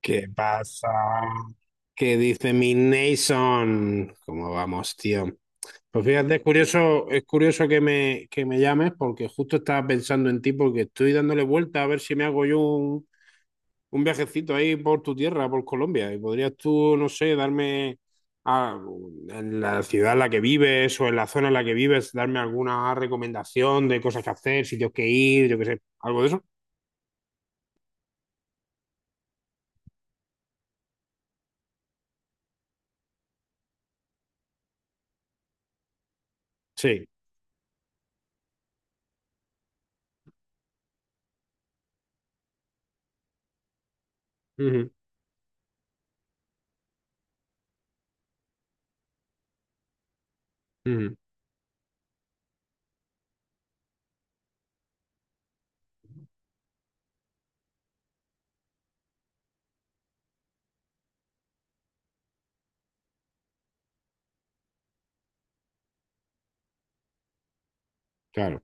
¿Qué pasa? ¿Qué dice mi Nason? ¿Cómo vamos, tío? Pues fíjate, es curioso que me llames porque justo estaba pensando en ti porque estoy dándole vuelta a ver si me hago yo un viajecito ahí por tu tierra, por Colombia. Y podrías tú, no sé, darme a- en la ciudad en la que vives o en la zona en la que vives, darme alguna recomendación de cosas que hacer, sitios que ir, yo qué sé, algo de eso. Sí. Ujú, ujú. Claro.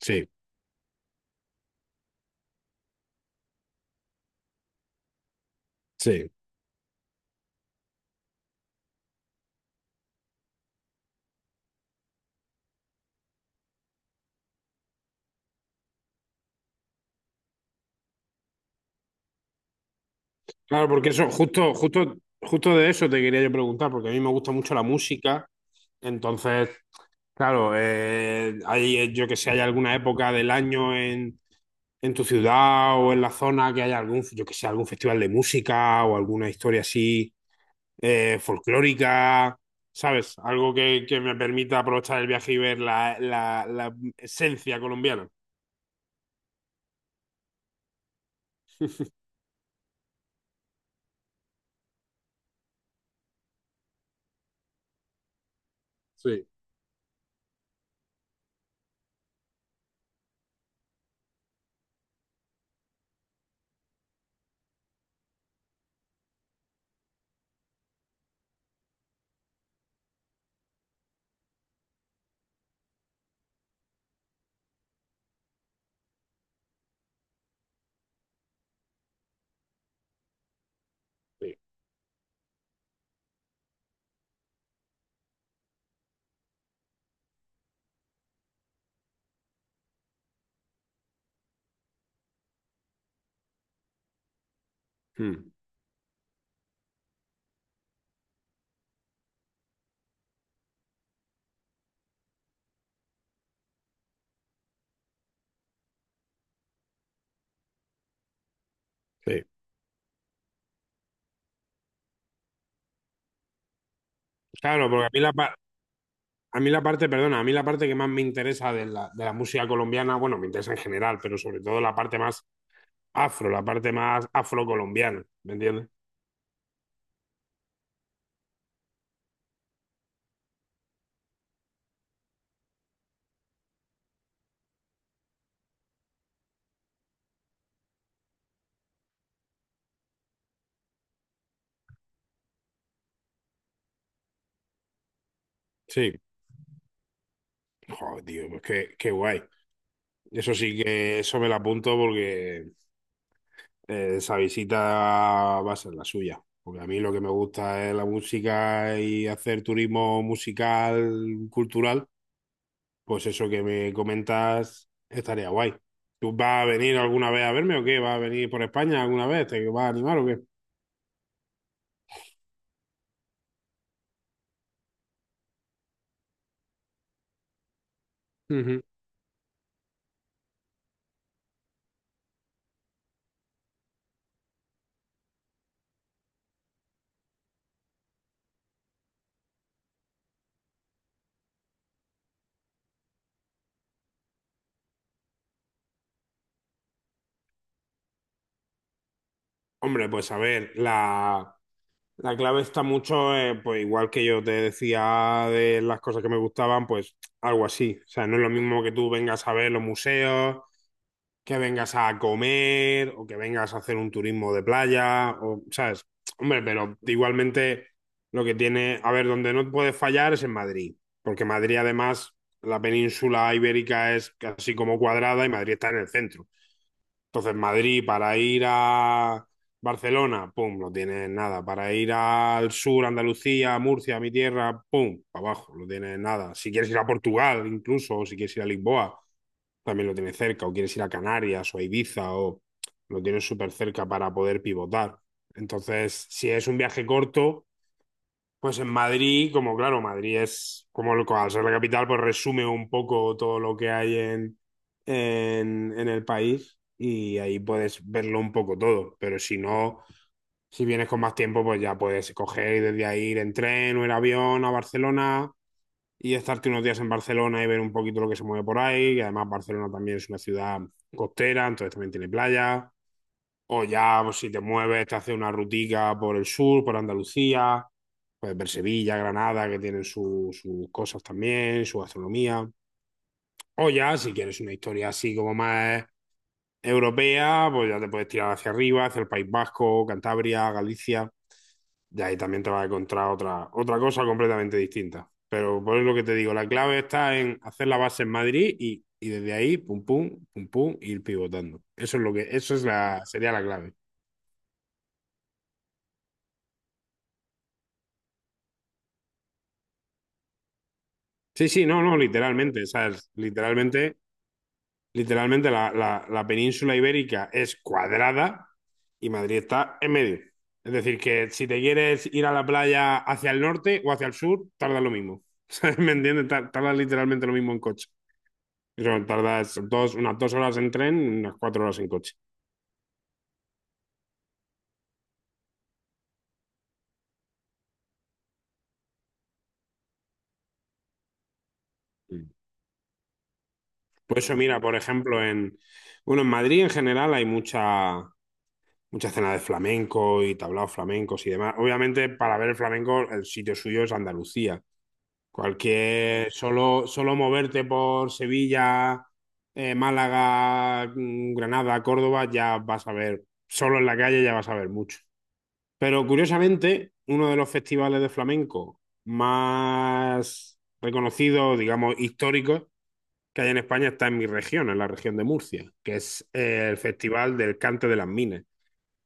Sí, sí. Claro, porque eso, justo, justo, justo de eso te quería yo preguntar, porque a mí me gusta mucho la música. Entonces, claro, hay, yo que sé, hay alguna época del año en tu ciudad o en la zona que haya algún, yo que sé, algún festival de música o alguna historia así folclórica, ¿sabes? Algo que me permita aprovechar el viaje y ver la esencia colombiana. Sí, sí. Mm, sí. Claro, porque a mí la parte, perdona, a mí la parte que más me interesa de la música colombiana, bueno, me interesa en general, pero sobre todo la parte más afro, la parte más afrocolombiana, ¿me entiendes? Sí, joder, tío, pues qué, qué guay. Eso sí que eso me lo apunto porque esa visita va a ser la suya. Porque a mí lo que me gusta es la música y hacer turismo musical, cultural. Pues eso que me comentas estaría guay. ¿Tú vas a venir alguna vez a verme o qué? ¿Vas a venir por España alguna vez? ¿Te vas a animar o qué? Ujú. Hombre, pues a ver, la clave está mucho, pues igual que yo te decía de las cosas que me gustaban, pues algo así. O sea, no es lo mismo que tú vengas a ver los museos, que vengas a comer o que vengas a hacer un turismo de playa, o, ¿sabes? Hombre, pero igualmente lo que tiene, a ver, donde no puedes fallar es en Madrid, porque Madrid además, la península ibérica es casi como cuadrada y Madrid está en el centro. Entonces, Madrid para ir a Barcelona, pum, no tienes nada. Para ir al sur, Andalucía, Murcia, mi tierra, pum, para abajo, no tienes nada. Si quieres ir a Portugal, incluso, o si quieres ir a Lisboa, también lo tienes cerca, o quieres ir a Canarias o a Ibiza, o lo tienes súper cerca para poder pivotar. Entonces, si es un viaje corto, pues en Madrid, como claro, Madrid es como al ser la capital, pues resume un poco todo lo que hay en el país y ahí puedes verlo un poco todo. Pero si no, si vienes con más tiempo, pues ya puedes coger y desde ahí ir en tren o en avión a Barcelona y estarte unos días en Barcelona y ver un poquito lo que se mueve por ahí. Y además Barcelona también es una ciudad costera, entonces también tiene playa. O ya, pues, si te mueves, te haces una rutica por el sur, por Andalucía, puedes ver Sevilla, Granada, que tienen sus cosas también, su gastronomía. O ya, si quieres una historia así como más europea, pues ya te puedes tirar hacia arriba, hacia el País Vasco, Cantabria, Galicia. Y ahí también te vas a encontrar otra cosa completamente distinta. Pero por lo que te digo, la clave está en hacer la base en Madrid y desde ahí, pum, pum, pum, pum, ir pivotando. Eso es lo que, eso es la, sería la clave. Sí, sí, no, no, literalmente, ¿sabes? Literalmente, literalmente la península ibérica es cuadrada, y Madrid está en medio. Es decir, que si te quieres ir a la playa hacia el norte o hacia el sur, tarda lo mismo. ¿Sabes? ¿Me entiendes? Tarda literalmente lo mismo en coche. Eso, tardas dos, unas dos horas en tren, unas cuatro horas en coche. Mm. Por eso, mira, por ejemplo, bueno, en Madrid en general hay mucha escena de flamenco y tablaos flamencos y demás. Obviamente, para ver el flamenco, el sitio suyo es Andalucía. Cualquier, solo moverte por Sevilla, Málaga, Granada, Córdoba, ya vas a ver, solo en la calle ya vas a ver mucho. Pero curiosamente, uno de los festivales de flamenco más reconocidos, digamos, históricos que hay en España está en mi región, en la región de Murcia, que es el Festival del Cante de las Minas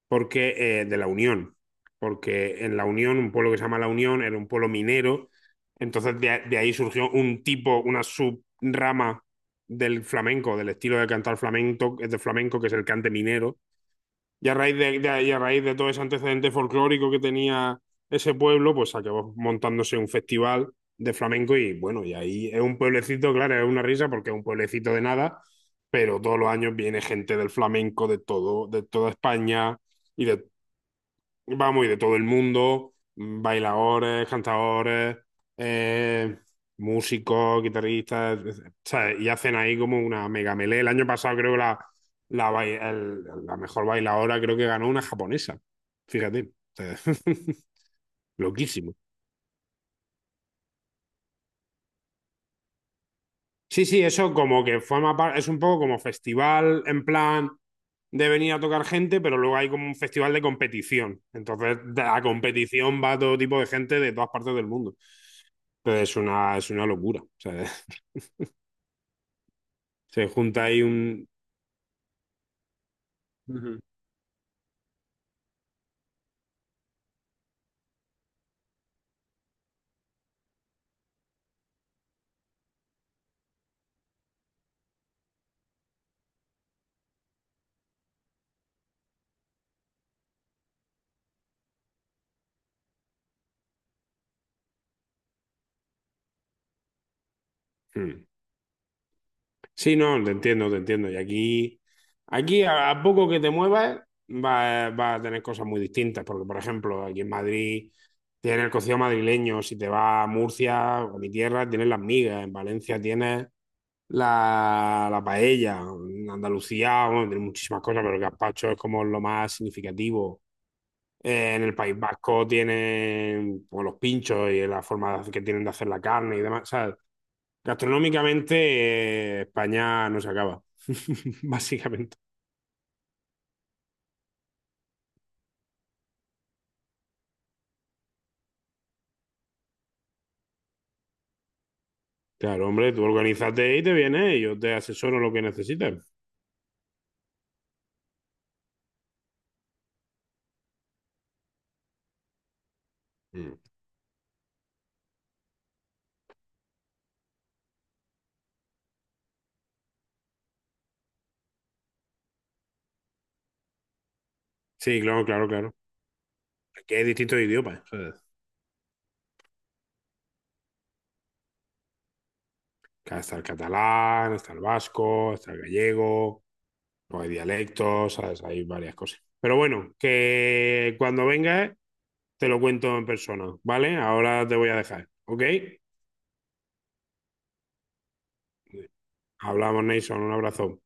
porque de la Unión, porque en la Unión, un pueblo que se llama la Unión, era un pueblo minero, entonces de ahí surgió un tipo, una subrama del flamenco, del estilo de cantar flamenco, de flamenco que es el cante minero. Y a raíz de y a raíz de todo ese antecedente folclórico que tenía ese pueblo, pues acabó montándose un festival de flamenco y bueno, y ahí es un pueblecito, claro, es una risa porque es un pueblecito de nada, pero todos los años viene gente del flamenco de todo, de toda España y de vamos, y de todo el mundo, bailadores, cantadores, eh, músicos, guitarristas, etc. ¿Sabes? Y hacen ahí como una mega melé. El año pasado creo que la mejor bailadora creo que ganó una japonesa. Fíjate. O sea, loquísimo. Sí, sí, eso como que forma parte, es un poco como festival en plan de venir a tocar gente, pero luego hay como un festival de competición. Entonces, a competición va todo tipo de gente de todas partes del mundo. Entonces es una locura. O sea, se junta ahí un... Ujú. Mm. Sí, no, te entiendo, te entiendo. Y aquí, aquí a poco que te muevas, va a tener cosas muy distintas. Porque, por ejemplo, aquí en Madrid tienes el cocido madrileño. Si te vas a Murcia o a mi tierra, tienes las migas. En Valencia tienes la paella. En Andalucía, bueno, tienes muchísimas cosas, pero el gazpacho es como lo más significativo. En el País Vasco tienen pues, los pinchos y la forma de hacer- que tienen de hacer la carne y demás. O sea, gastronómicamente, España no se acaba, básicamente. Claro, hombre, tú organízate y te vienes y yo te asesoro lo que necesites. Mm. Sí, claro, claro, claro. Aquí hay distintos idiomas, ¿sabes? Está el catalán, está el vasco, está el gallego. O hay dialectos, ¿sabes? Hay varias cosas. Pero bueno, que cuando vengas te lo cuento en persona, ¿vale? Ahora te voy a dejar, ¿ok? Hablamos, Nason, un abrazo.